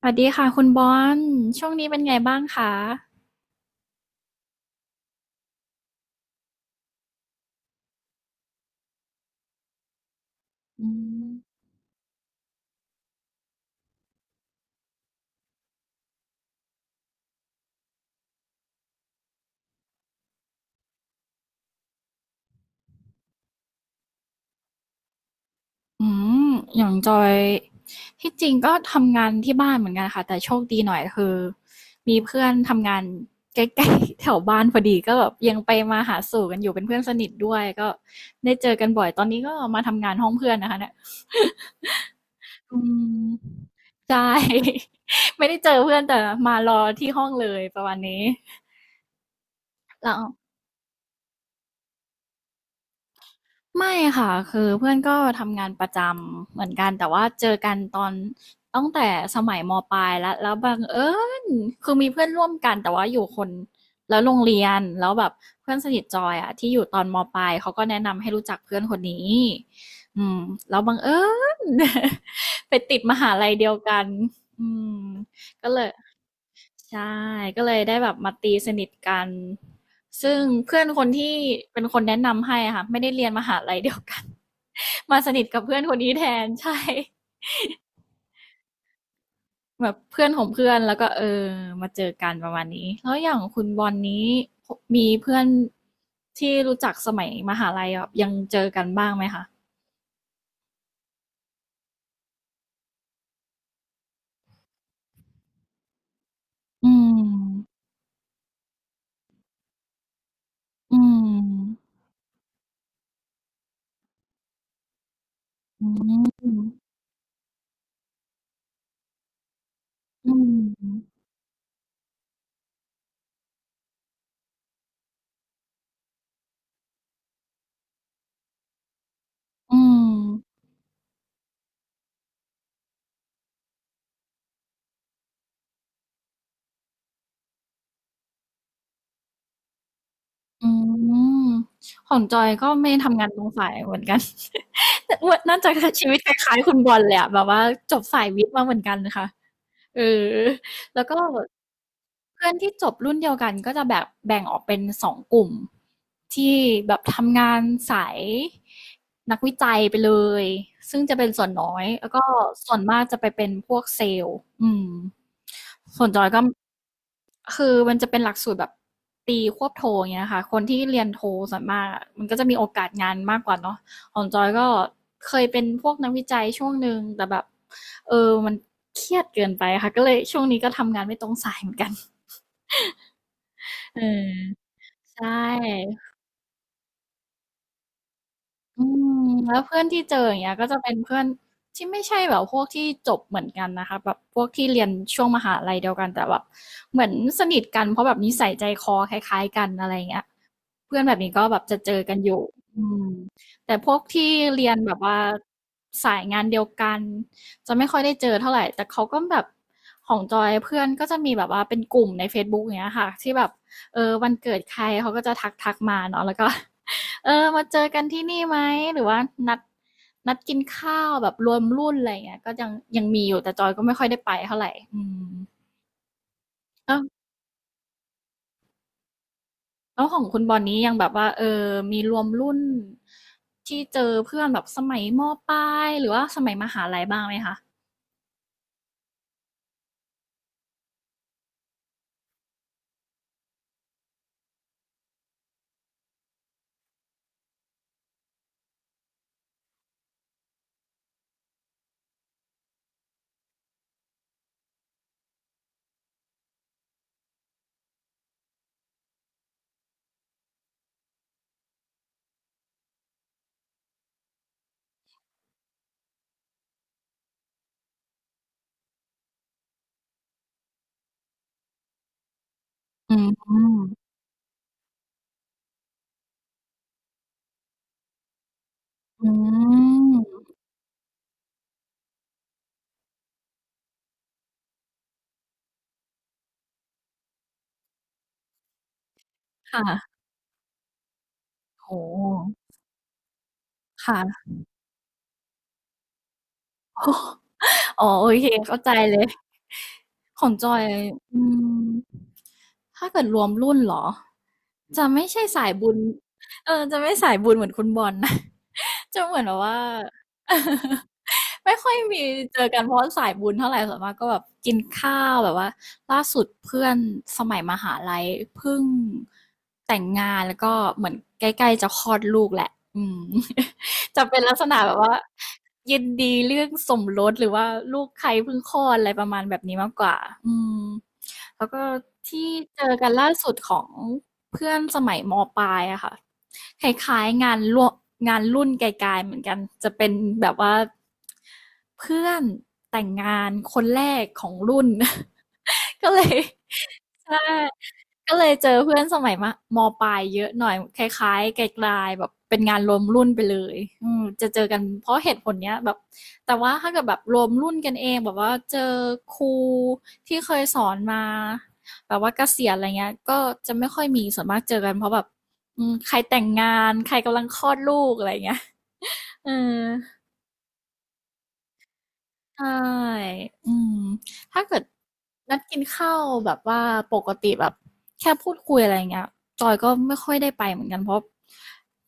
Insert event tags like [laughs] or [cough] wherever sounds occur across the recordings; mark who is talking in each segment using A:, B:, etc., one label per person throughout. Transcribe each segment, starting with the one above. A: สวัสดีค่ะคุณบอลช่วงนี้เป็นไงบ้างคะอืมอืมอย่างจอยที่จริงก็ทำงานที่บ้านเหมือนกันค่ะแต่โชคดีหน่อยคือมีเพื่อนทำงานใกล้ๆ [laughs] แถวบ้านพอดีก็แบบยังไปมาหาสู่กันอยู่เป็นเพื่อนสนิทด้วยก็ได้เจอกันบ่อยตอนนี้ก็มาทำงานห้องเพื่อนนะคะเนี่ยอืมใช่ [laughs] ไม่ได้เจอเพื่อนแต่มารอที่ห้องเลยประมาณนี้แล้ว ไม่ค่ะคือเพื่อนก็ทำงานประจำเหมือนกันแต่ว่าเจอกันตอนตั้งแต่สมัยมปลายแล้วแล้วบังเอิญคือมีเพื่อนร่วมกันแต่ว่าอยู่คนละโรงเรียนแล้วแบบเพื่อนสนิทจอยอะที่อยู่ตอนมปลายเขาก็แนะนำให้รู้จักเพื่อนคนนี้อืมแล้วบังเอิญ [laughs] ไปติดมหาลัยเดียวกันอืมก็เลย ใช่ก็เลยได้แบบมาตีสนิทกันซึ่งเพื่อนคนที่เป็นคนแนะนำให้อะค่ะไม่ได้เรียนมหาลัยเดียวกัน [laughs] มาสนิทกับเพื่อนคนนี้แทนใช่แบบเพื่อนของเพื่อนแล้วก็เออมาเจอกันประมาณนี้แล้วอย่างคุณบอลนี้มีเพื่อนที่รู้จักสมัยมหาลัยแบบยังเจอกันบ้างไหมคะอืมอืมอืมอืมอืม อืม ของจอยก็ไม่ทำงานตรงสายเหมือนกัน [laughs] แต่ว่าน่าจะชีวิตคล้ายๆคุณบอลเลยอะแบบว่าจบสายวิทย์มาเหมือนกันนะคะเออ แล้วก็เพื่อนที่จบรุ่นเดียวกันก็จะแบบแบ่งออกเป็นสองกลุ่มที่แบบทำงานสายนักวิจัยไปเลยซึ่งจะเป็นส่วนน้อยแล้วก็ส่วนมากจะไปเป็นพวกเซลส์อืมส่วนจอยก็คือมันจะเป็นหลักสูตรแบบตีควบโทอย่างเงี้ยค่ะคนที่เรียนโทส่วนมากอะมันก็จะมีโอกาสงานมากกว่าเนาะของจอยก็เคยเป็นพวกนักวิจัยช่วงหนึ่งแต่แบบ มันเครียดเกินไปค่ะก็เลยช่วงนี้ก็ทำงานไม่ตรงสายเหมือนกันเออใช่อืมแล้วเพื่อนที่เจออย่างเงี้ยก็จะเป็นเพื่อนที่ไม่ใช่แบบพวกที่จบเหมือนกันนะคะแบบพวกที่เรียนช่วงมหาลัยเดียวกันแต่แบบเหมือนสนิทกันเพราะแบบนิสัยใจคอคล้ายๆกันอะไรอย่างเงี้ย เพื่อนแบบนี้ก็แบบจะเจอกันอยู่อืมแต่พวกที่เรียนแบบว่าสายงานเดียวกันจะไม่ค่อยได้เจอเท่าไหร่ แต่เขาก็แบบของจอยเพื่อนก็จะมีแบบว่าเป็นกลุ่มใน Facebook อย่างเงี้ยค่ะที่แบบเออวันเกิดใครเขาก็จะทักมาเนาะแล้วก็ [laughs] เออมาเจอกันที่นี่ไหมหรือว่านัดนัดกินข้าวแบบรวมรุ่นอะไรอย่างเงี้ยก็ยังยังมีอยู่แต่จอยก็ไม่ค่อยได้ไปเท่าไหร่อืม แล้วของคุณบอลนี้ยังแบบว่าเออมีรวมรุ่นที่เจอเพื่อนแบบสมัยมปลายหรือว่าสมัยมหาลัยบ้างไหมคะอืมอืมค่ะโอ้โฮค่ะอ๋อโอเคเข้าใจเลยของจอยอืม ถ้าเกิดรวมรุ่นเหรอจะไม่ใช่สายบุญเออจะไม่สายบุญเหมือนคุณบอลนะ [laughs] จะเหมือนแบบว่า [laughs] ไม่ค่อยมีเจอกันเพราะสายบุญเท่าไหร่ส่วนมากก็แบบกินข้าวแบบว่าล่าสุดเพื่อนสมัยมหาลัยเพิ่งแต่งงานแล้วก็เหมือนใกล้ๆจะคลอดลูกแหละอืม [laughs] จะเป็นลักษณะแบบว่ายินดีเรื่องสมรสหรือว่าลูกใครเพิ่งคลอดอะไรประมาณแบบนี้มากกว่าอืม แล้วก็ที่เจอกันล่าสุดของเพื่อนสมัยมปลายอะค่ะคล้ายๆงานร่วมงานรุ่นไกลๆเหมือนกันจะเป็นแบบว่าเพื่อนแต่งงานคนแรกของรุ่น [laughs] ก็เลย [laughs] ใช่ ก็เลยเจอเพื่อนสมัยมะมปลายเยอะหน่อยคล้ายๆไกลๆแบบเป็นงานรวมรุ่นไปเลยอืมจะเจอกันเพราะเหตุผลเนี้ยแบบแต่ว่าถ้าเกิดแบบรวมรุ่นกันเองแบบว่าเจอครูที่เคยสอนมาแบบว่าเกษียณอะไรเงี้ยก็จะไม่ค่อยมีส่วนมากเจอกันเพราะแบบมใครแต่งงานใครกำลังคลอดลูกอะไรเงี้ยเออ ใช่อืมถ้าเกิดนัดกินข้าวแบบว่าปกติแบบแค่พูดคุยอะไรเงี้ยจอยก็ไม่ค่อยได้ไปเหมือนกันเพราะ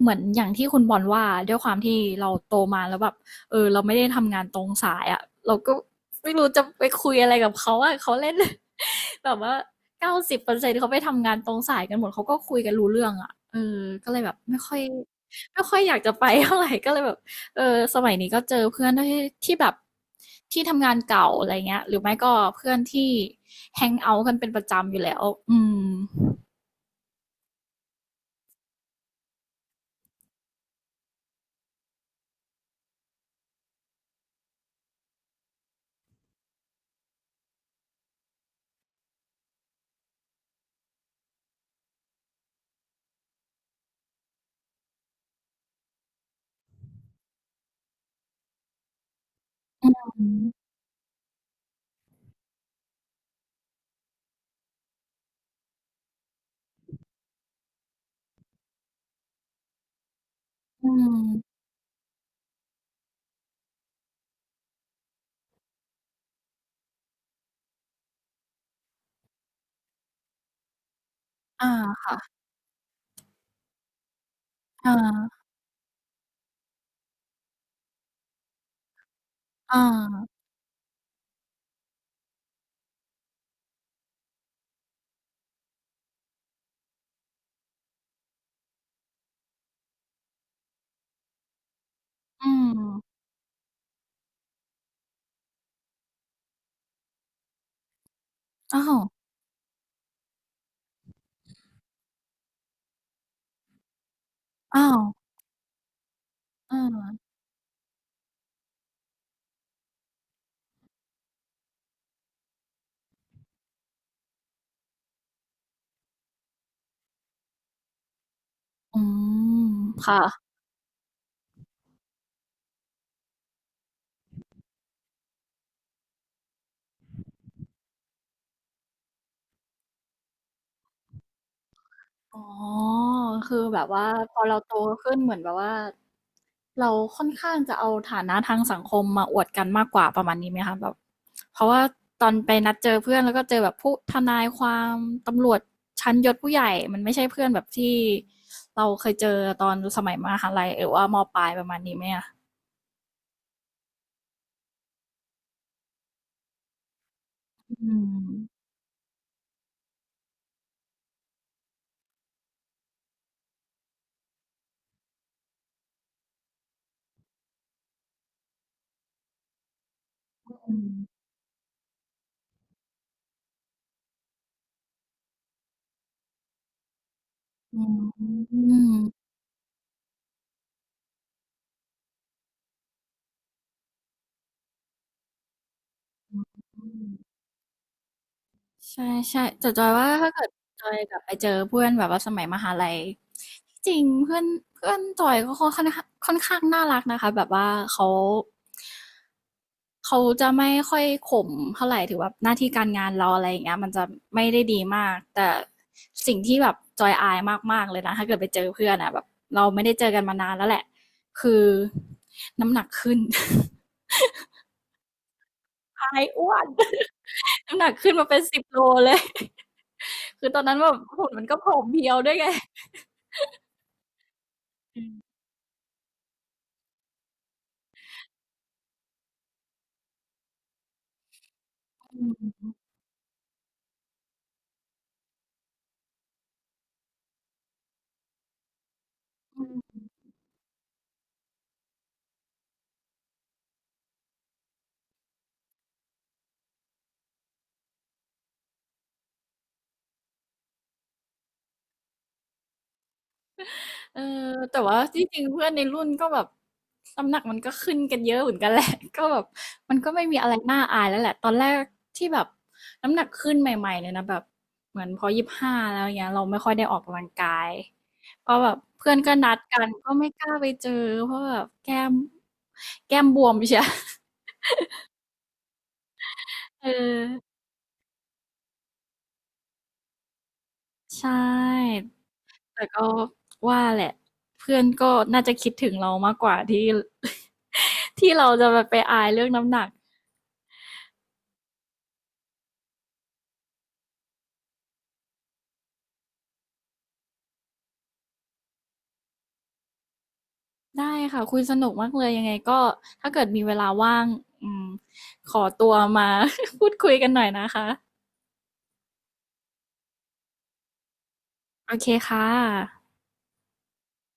A: เหมือนอย่างที่คุณบอลว่าด้วยความที่เราโตมาแล้วแบบเออเราไม่ได้ทำงานตรงสายอ่ะเราก็ไม่รู้จะไปคุยอะไรกับเขาอ่ะเขาเล่น [laughs] แบบว่า90%เขาไปทำงานตรงสายกันหมดเขาก็คุยกันรู้เรื่องอ่ะเออก็เลยแบบไม่ค่อยอยากจะไปเท่าไหร่ก็เลยแบบ เออสมัยนี้ก็เจอเพื่อนที่ที่แบบที่ทำงานเก่าอะไรเงี้ยหรือไม่ก็เพื่อนที่แฮงเอาท์กันเป็นประจำอยู่แล้วอืมอืมอืมอาอาอาอืมอ้าวอ้าวเอออืมค่ะ อ๋อคือแบบว่าพอเราโตขึ้นเหมือนแบบว่าเราค่อนข้างจะเอาฐานะทางสังคมมาอวดกันมากกว่าประมาณนี้ไหมคะแบบเพราะว่าตอนไปนัดเจอเพื่อนแล้วก็เจอแบบผู้ทนายความตำรวจชั้นยศผู้ใหญ่มันไม่ใช่เพื่อนแบบที่เราเคยเจอตอนสมัยมหาลัยหรือว่ามปลายประมาณนี้ไหมอะอืมอืมอืมอืม ใช่ใช่แต่จอยว่าถ้าเกิดจอยกลับไปเจอเพื่อนแบบว่าสมัยมหาลัยที่จริงเพื่อนเพื่อนจอยก็ค่อนข้างน่ารักนะคะแบบว่าเขาจะไม่ค่อยข่มเท่าไหร่ถือว่าหน้าที่การงานเราอะไรอย่างเงี้ยมันจะไม่ได้ดีมากแต่สิ่งที่แบบจอยอายมากๆเลยนะถ้าเกิดไปเจอเพื่อนอ่ะแบบเราไม่ได้เจอกันมานานแล้วแหละคือน้ำหนักขึ้น [laughs] อายอ้วน [laughs] น้ำหนักขึ้นมาเป็น10 โลเลย คือตอนนั้นแบบหุ่นมันก็ผอมเพรียวด้วยไงเออแต่ว่าจริงๆเพื่อนในรุ่นก็แบบน้ำหนักมันก็ขึ้นกันเยอะเหมือนกันแหละ [laughs] ก็แบบมันก็ไม่มีอะไรน่าอายแล้วแหละตอนแรกที่แบบน้ำหนักขึ้นใหม่ๆเลยนะแบบเหมือนพอ25แล้วเงี้ยเราไม่ค่อยได้ออกกำลังกายเพราะแบบเพื่อนก็นัดกันก็ไม่กล้าไปเจอเพราะแบบแก้มบวมใช่ [laughs] เออใช่ แต่ก็ว่าแหละเพื่อนก็น่าจะคิดถึงเรามากกว่าที่ [laughs] ที่เราจะแบบไปอายเรื่องน้ำหนักได้ค่ะคุยสนุกมากเลยยังไงก็ถ้าเกิดมีเวลาว่างอืมขอตัวมา [laughs] พูดคุยกันหน่อยนะคะโอเคค่ะ